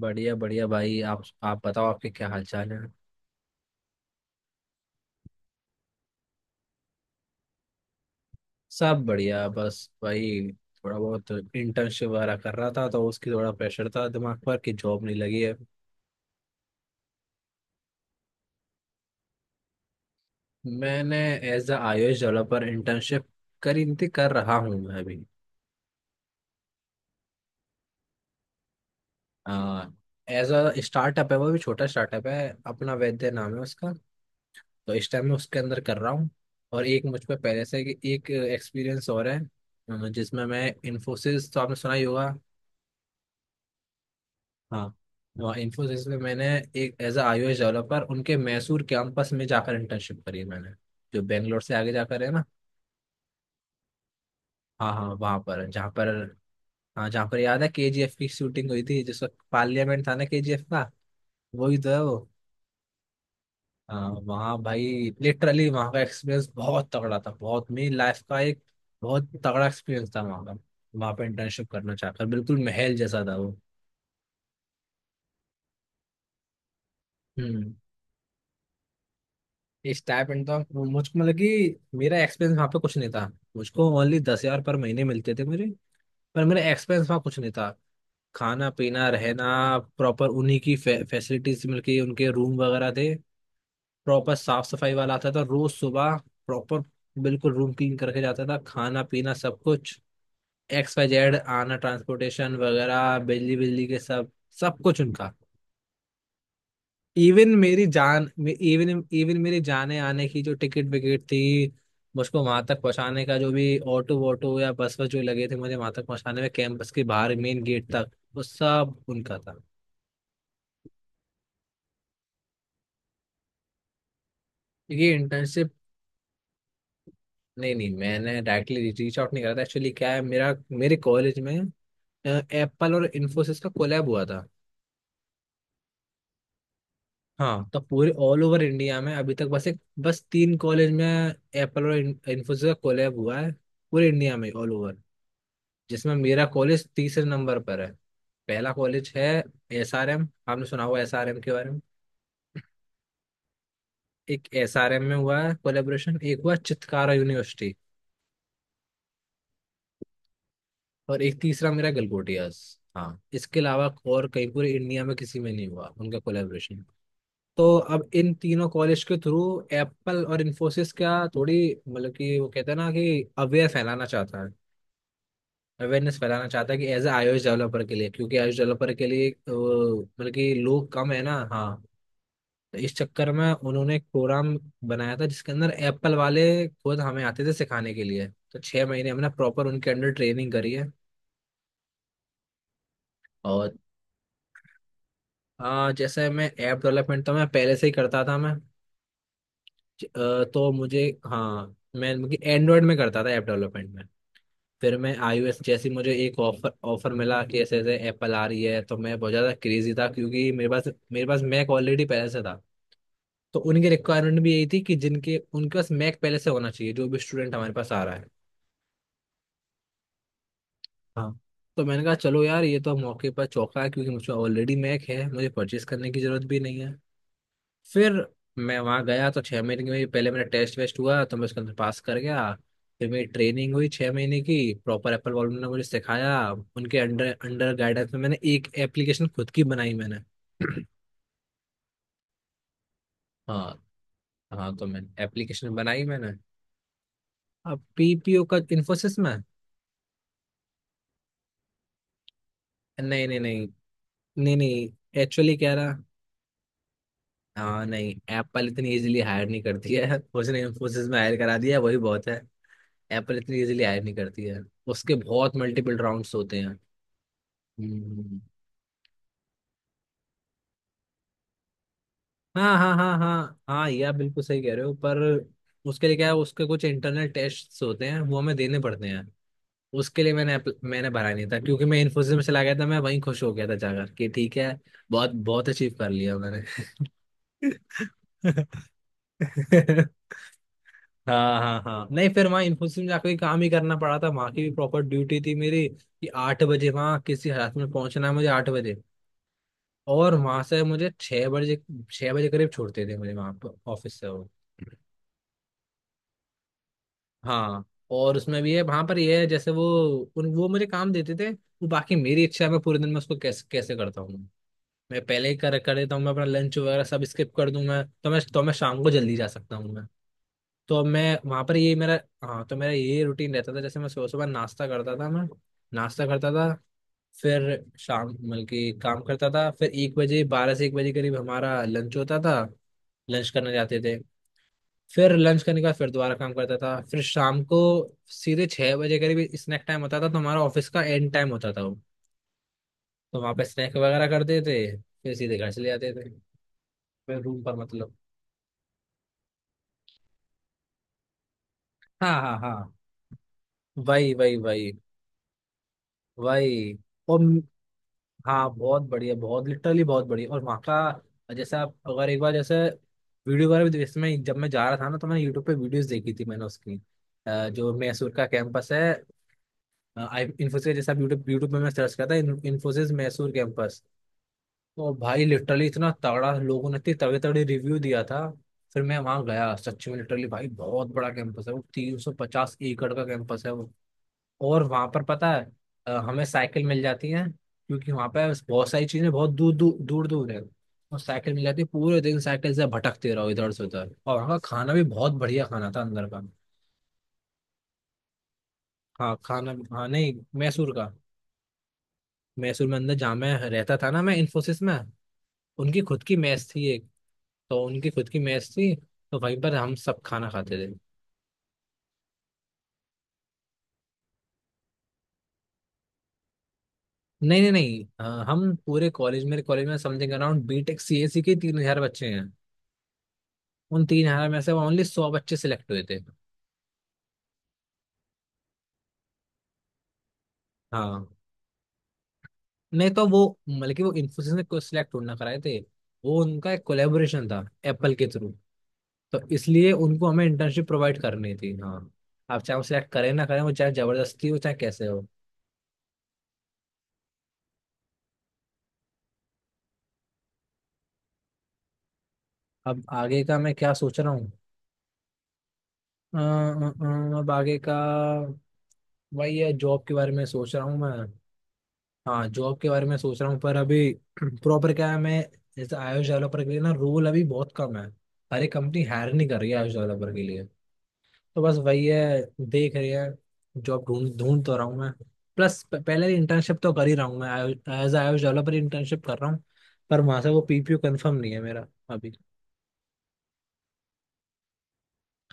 बढ़िया बढ़िया भाई, आप बताओ, आपके क्या हाल चाल है। सब बढ़िया, बस भाई थोड़ा बहुत इंटर्नशिप वगैरह कर रहा था तो उसकी थोड़ा प्रेशर था दिमाग पर कि जॉब नहीं लगी है। मैंने as a iOS developer internship करी थी, कर रहा हूँ मैं अभी। एज अ स्टार्टअप है, वो भी छोटा स्टार्टअप है, अपना वैद्य नाम है उसका, तो इस टाइम मैं उसके अंदर कर रहा हूँ। और एक मुझ पर पहले से कि एक एक्सपीरियंस और है। जिसमें मैं, इन्फोसिस तो आपने सुना ही होगा। हाँ। और इन्फोसिस में मैंने एक एज अ आईओएस डेवलपर उनके मैसूर कैंपस में जाकर इंटर्नशिप करी है मैंने। जो बेंगलोर से आगे जाकर है ना। हाँ हाँ, वहाँ पर जहाँ पर। हाँ, जहाँ पर याद है केजीएफ की शूटिंग हुई थी जिस वक्त पार्लियामेंट था ना केजीएफ का। वही तो है वो। हाँ, वहाँ भाई। लिटरली वहाँ का एक्सपीरियंस बहुत तगड़ा था, बहुत मेरी लाइफ का एक बहुत तगड़ा एक्सपीरियंस था वहाँ का। वहाँ पर इंटर्नशिप करना चाहकर बिल्कुल महल जैसा था वो। हम्म। स्टाइपेंड तो मुझको, मतलब कि मेरा एक्सपेंस वहाँ पे कुछ नहीं था। मुझको ओनली 10 हजार पर महीने मिलते थे मुझे। पर मेरा एक्सपेंस वहाँ कुछ नहीं था। खाना पीना रहना, प्रॉपर उन्हीं की फैसिलिटीज मिल के उनके रूम वगैरह थे। प्रॉपर साफ सफाई वाला आता था रोज सुबह। प्रॉपर बिल्कुल रूम क्लीन करके जाता था, खाना पीना सब कुछ। XYZ आना, ट्रांसपोर्टेशन वगैरह, बिजली बिजली के सब, सब कुछ उनका। इवन इवन मेरी जाने आने की जो टिकट विकेट थी, मुझको वहां तक पहुंचाने का जो भी ऑटो वोटो या बस वस जो लगे थे मुझे वहां तक पहुंचाने में कैंपस के बाहर मेन गेट तक, वो सब उनका था। ये इंटर्नशिप। नहीं नहीं, मैंने डायरेक्टली रीच आउट नहीं करा था, एक्चुअली क्या है, मेरा मेरे कॉलेज में एप्पल और इन्फोसिस का कोलैब हुआ था। हाँ, तो पूरे ऑल ओवर इंडिया में अभी तक बस एक, बस तीन कॉलेज में एप्पल और इन्फोसिस का कोलैब हुआ है, पूरे इंडिया में ऑल ओवर, जिसमें मेरा कॉलेज तीसरे नंबर पर है। पहला कॉलेज है एसआरएम, आपने सुना होगा एसआरएम के बारे में। एक एसआरएम में हुआ है कोलेबोरेशन, एक हुआ चितकारा यूनिवर्सिटी, और एक तीसरा मेरा गलगोटियास। हाँ, इसके अलावा और कहीं पूरे इंडिया में किसी में नहीं हुआ उनका कोलेबोरेशन। तो अब इन तीनों कॉलेज के थ्रू एप्पल और इन्फोसिस क्या थोड़ी, मतलब कि वो कहते हैं ना कि अवेयर फैलाना चाहता है, अवेयरनेस फैलाना चाहता है कि एज ए आईओएस डेवलपर के लिए, क्योंकि आईओएस डेवलपर के लिए मतलब कि लोग कम है ना, हाँ। तो इस चक्कर में उन्होंने एक प्रोग्राम बनाया था जिसके अंदर एप्पल वाले खुद हमें आते थे सिखाने के लिए। तो 6 महीने हमने प्रॉपर उनके अंडर ट्रेनिंग करी है। और जैसे मैं ऐप डेवलपमेंट तो मैं पहले से ही करता था मैं। तो मुझे, हाँ मैं एंड्रॉयड में करता था ऐप डेवलपमेंट में। फिर मैं आईओएस, जैसे ही मुझे एक ऑफर ऑफर मिला कि ऐसे ऐसे एप्पल आ रही है, तो मैं बहुत ज़्यादा क्रेजी था क्योंकि मेरे पास मैक ऑलरेडी पहले से था। तो उनकी रिक्वायरमेंट भी यही थी कि जिनके उनके पास मैक पहले से होना चाहिए, जो भी स्टूडेंट हमारे पास आ रहा है। हाँ, तो मैंने कहा चलो यार, ये तो मौके पर चौका है, क्योंकि मुझे ऑलरेडी मैक है, मुझे परचेस करने की जरूरत भी नहीं है। फिर मैं वहाँ गया तो 6 महीने में पहले मेरा टेस्ट वेस्ट हुआ, तो मैं उसके अंदर पास कर गया। फिर मेरी ट्रेनिंग हुई 6 महीने की, प्रॉपर एप्पल वॉलम ने मुझे सिखाया। उनके अंडर अंडर गाइडेंस में मैंने एक एप्लीकेशन खुद की बनाई मैंने। हाँ हाँ, तो मैंने एप्लीकेशन बनाई मैंने। अब पीपीओ का इन्फोसिस में, नहीं नहीं नहीं नहीं नहीं, एक्चुअली कह रहा, हाँ नहीं, एप्पल इतनी इजीली हायर नहीं करती है, उसने इन्फोसिस में हायर करा दिया वही बहुत है। एप्पल इतनी इजीली हायर नहीं करती है, उसके बहुत मल्टीपल राउंड्स होते हैं। हम्म। हाँ हाँ हाँ हाँ हाँ, ये आप बिल्कुल सही कह रहे हो, पर उसके लिए क्या है, उसके कुछ इंटरनल टेस्ट होते हैं वो हमें देने पड़ते हैं। उसके लिए मैंने भरा नहीं था क्योंकि मैं इन्फोसिस में चला गया था, मैं वहीं खुश हो गया था जाकर कि ठीक है, बहुत बहुत अचीव कर लिया मैंने। हाँ हाँ हाँ नहीं, फिर वहाँ इन्फोसिस में जाकर ही काम ही करना पड़ा था, वहाँ की भी प्रॉपर ड्यूटी थी मेरी कि 8 बजे वहाँ किसी हालत में पहुंचना है मुझे, 8 बजे, और वहां से मुझे 6 बजे, छह बजे करीब छोड़ते थे मुझे वहां पर ऑफिस से वो। हाँ, और उसमें भी है वहां पर, ये है जैसे वो उन वो मुझे काम देते थे, वो बाकी मेरी इच्छा है मैं पूरे दिन में उसको कैसे कैसे करता हूँ। मैं पहले ही कर कर देता हूँ, मैं अपना लंच वगैरह सब स्किप कर दूं, मैं शाम को जल्दी जा सकता हूँ। तो अब मैं वहां पर ये मेरा, हाँ, तो मेरा ये रूटीन रहता था, जैसे मैं सुबह सुबह नाश्ता करता था मैं, नाश्ता करता था, फिर शाम मतलब कि काम करता था, फिर एक बजे 12 से 1 बजे करीब हमारा लंच होता था, लंच करने जाते थे। फिर लंच करने के बाद फिर दोबारा काम करता था, फिर शाम को सीधे 6 बजे करीब स्नैक टाइम होता था, तो हमारा ऑफिस का एंड टाइम होता था वो, तो वहाँ पे स्नैक वगैरह करते थे फिर सीधे घर चले जाते थे, फिर रूम पर मतलब। हाँ हाँ हाँ, वही वही वही वही, और हाँ बहुत बढ़िया, बहुत लिटरली बहुत बढ़िया, और वहाँ का, जैसे आप अगर एक बार जैसे वीडियो वगैरह भी इसमें, जब मैं जा रहा था ना तो मैंने यूट्यूब पे वीडियोस देखी थी मैंने उसकी, जो मैसूर का कैंपस है, आई इन्फोसिस, जैसे आप यूट्यूब यूट्यूब पे मैं सर्च करता, इन्फोसिस मैसूर कैंपस, तो भाई लिटरली इतना तगड़ा, लोगों ने इतनी तगड़े तगड़े रिव्यू दिया था। फिर मैं वहाँ गया, सच में लिटरली भाई बहुत बड़ा कैंपस है वो, 350 एकड़ का कैंपस है। और वहां पर पता है, हमें साइकिल मिल जाती है क्योंकि वहां पर बहुत सारी चीजें बहुत दूर दूर दूर दूर है। और साइकिल मिल जाती है, पूरे दिन साइकिल से भटकते रहो इधर से उधर, और वहाँ का खाना भी बहुत बढ़िया, खाना था अंदर का। हाँ खाना, हाँ नहीं, मैसूर का, मैसूर में अंदर जहाँ मैं रहता था ना मैं इन्फोसिस में, उनकी खुद की मेस थी एक, तो उनकी खुद की मेस थी, तो वहीं पर हम सब खाना खाते थे। नहीं नहीं नहीं, हम पूरे कॉलेज, मेरे कॉलेज में समथिंग अराउंड बीटेक सीएसी के 3 हजार बच्चे हैं। उन 3 हजार में से ओनली 100 बच्चे सिलेक्ट हुए थे। हाँ, नहीं तो वो मतलब कि वो इन्फोसिस ने कोई सिलेक्ट ना कराए थे, वो उनका एक कोलेबोरेशन था एप्पल के थ्रू, तो इसलिए उनको हमें इंटर्नशिप प्रोवाइड करनी थी, हाँ। आप चाहे वो सिलेक्ट करें ना करें, वो चाहे जबरदस्ती हो चाहे कैसे हो। अब आगे का मैं क्या सोच रहा हूँ, अब आगे का वही है, जॉब के बारे में सोच रहा हूँ मैं। हाँ, जॉब के बारे में सोच रहा हूँ पर अभी प्रॉपर क्या है मैं, जैसे iOS डेवलपर के लिए ना, रोल अभी बहुत कम है। हर एक कंपनी हायर नहीं कर रही है iOS डेवलपर के लिए, तो बस वही है, देख रही है, जॉब ढूंढ ढूंढ तो रहा हूँ मैं। प्लस पहले इंटर्नशिप तो कर ही रहा हूँ मैं, एज iOS डेवलपर इंटर्नशिप कर रहा हूँ, पर वहां से वो पीपीयू कंफर्म नहीं है मेरा अभी।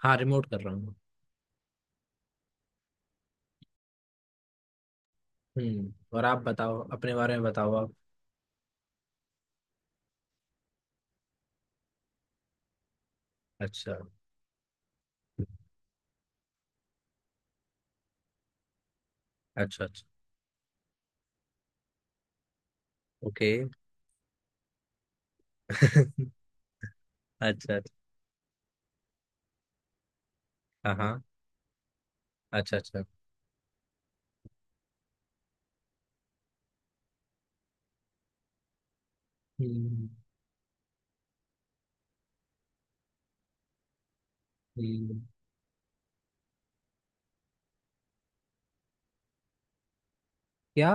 हाँ, रिमोट कर रहा हूँ। और आप बताओ, अपने बारे में बताओ आप। अच्छा अच्छा। अच्छा। ओके अच्छा अच्छा। हाँ हाँ। अच्छा अच्छा। हम्म हम्म। क्या?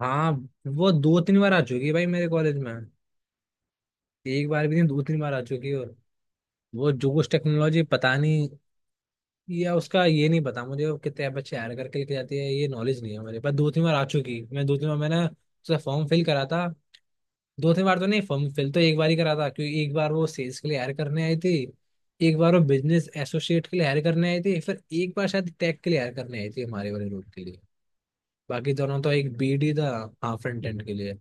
हाँ, वो दो तीन बार आ चुकी है भाई मेरे कॉलेज में। एक बार भी नहीं, दो तीन बार आ चुकी है, और वो जोश टेक्नोलॉजी पता नहीं, या उसका ये नहीं पता मुझे, वो कितने बच्चे हायर करके लेके जाती है ये नॉलेज नहीं है मेरे पास। दो तीन बार आ चुकी, मैं दो तीन बार मैंने उसका फॉर्म फिल करा था। दो तीन बार तो नहीं, फॉर्म फिल तो एक बार ही करा था, क्योंकि एक बार वो सेल्स के लिए हायर करने आई थी, एक बार वो बिजनेस एसोसिएट के लिए हायर करने आई थी, फिर एक बार शायद टेक के लिए हायर करने आई थी हमारे वाले रोड के लिए। बाकी दोनों तो एक बीडी था। हाँ, फ्रंट एंड के लिए।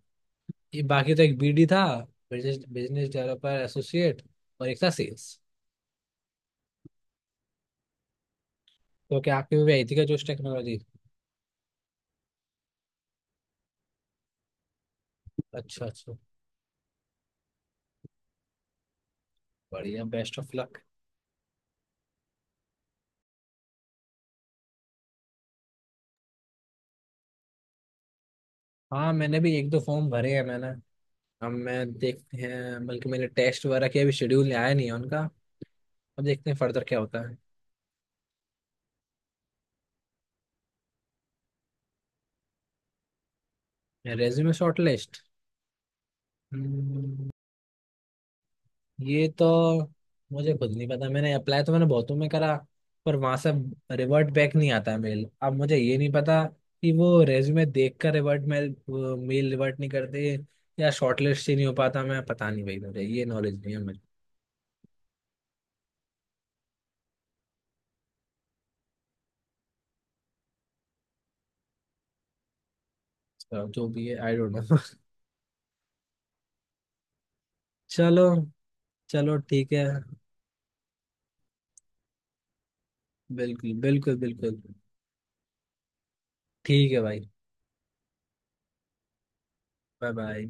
ये बाकी तो एक बीडी था, बिजनेस बिजनेस डेवलपर एसोसिएट, और एक था सेल्स। तो क्या आपकी भी आई थी क्या जोश टेक्नोलॉजी? अच्छा अच्छा, बढ़िया, बेस्ट ऑफ लक। हाँ, मैंने भी एक दो फॉर्म भरे हैं मैंने, अब मैं देखते हैं, बल्कि मैंने टेस्ट वगैरह किया अभी, शेड्यूल आया नहीं है उनका, अब देखते हैं फर्दर क्या होता है। रेज्यूमे शॉर्ट लिस्ट ये तो मुझे खुद नहीं पता, मैंने अप्लाई तो मैंने बहुतों में करा, पर वहां से रिवर्ट बैक नहीं आता है मेल। अब मुझे ये नहीं पता कि वो रेज्यूमे देख कर रिवर्ट मेल मेल रिवर्ट नहीं करते, या शॉर्टलिस्ट ही नहीं हो पाता, मैं पता नहीं भाई मुझे, ये नॉलेज नहीं है मुझे। तो जो भी है, आई डोंट नो। चलो, चलो ठीक है। बिल्कुल बिल्कुल बिल्कुल। ठीक है भाई। Bye bye.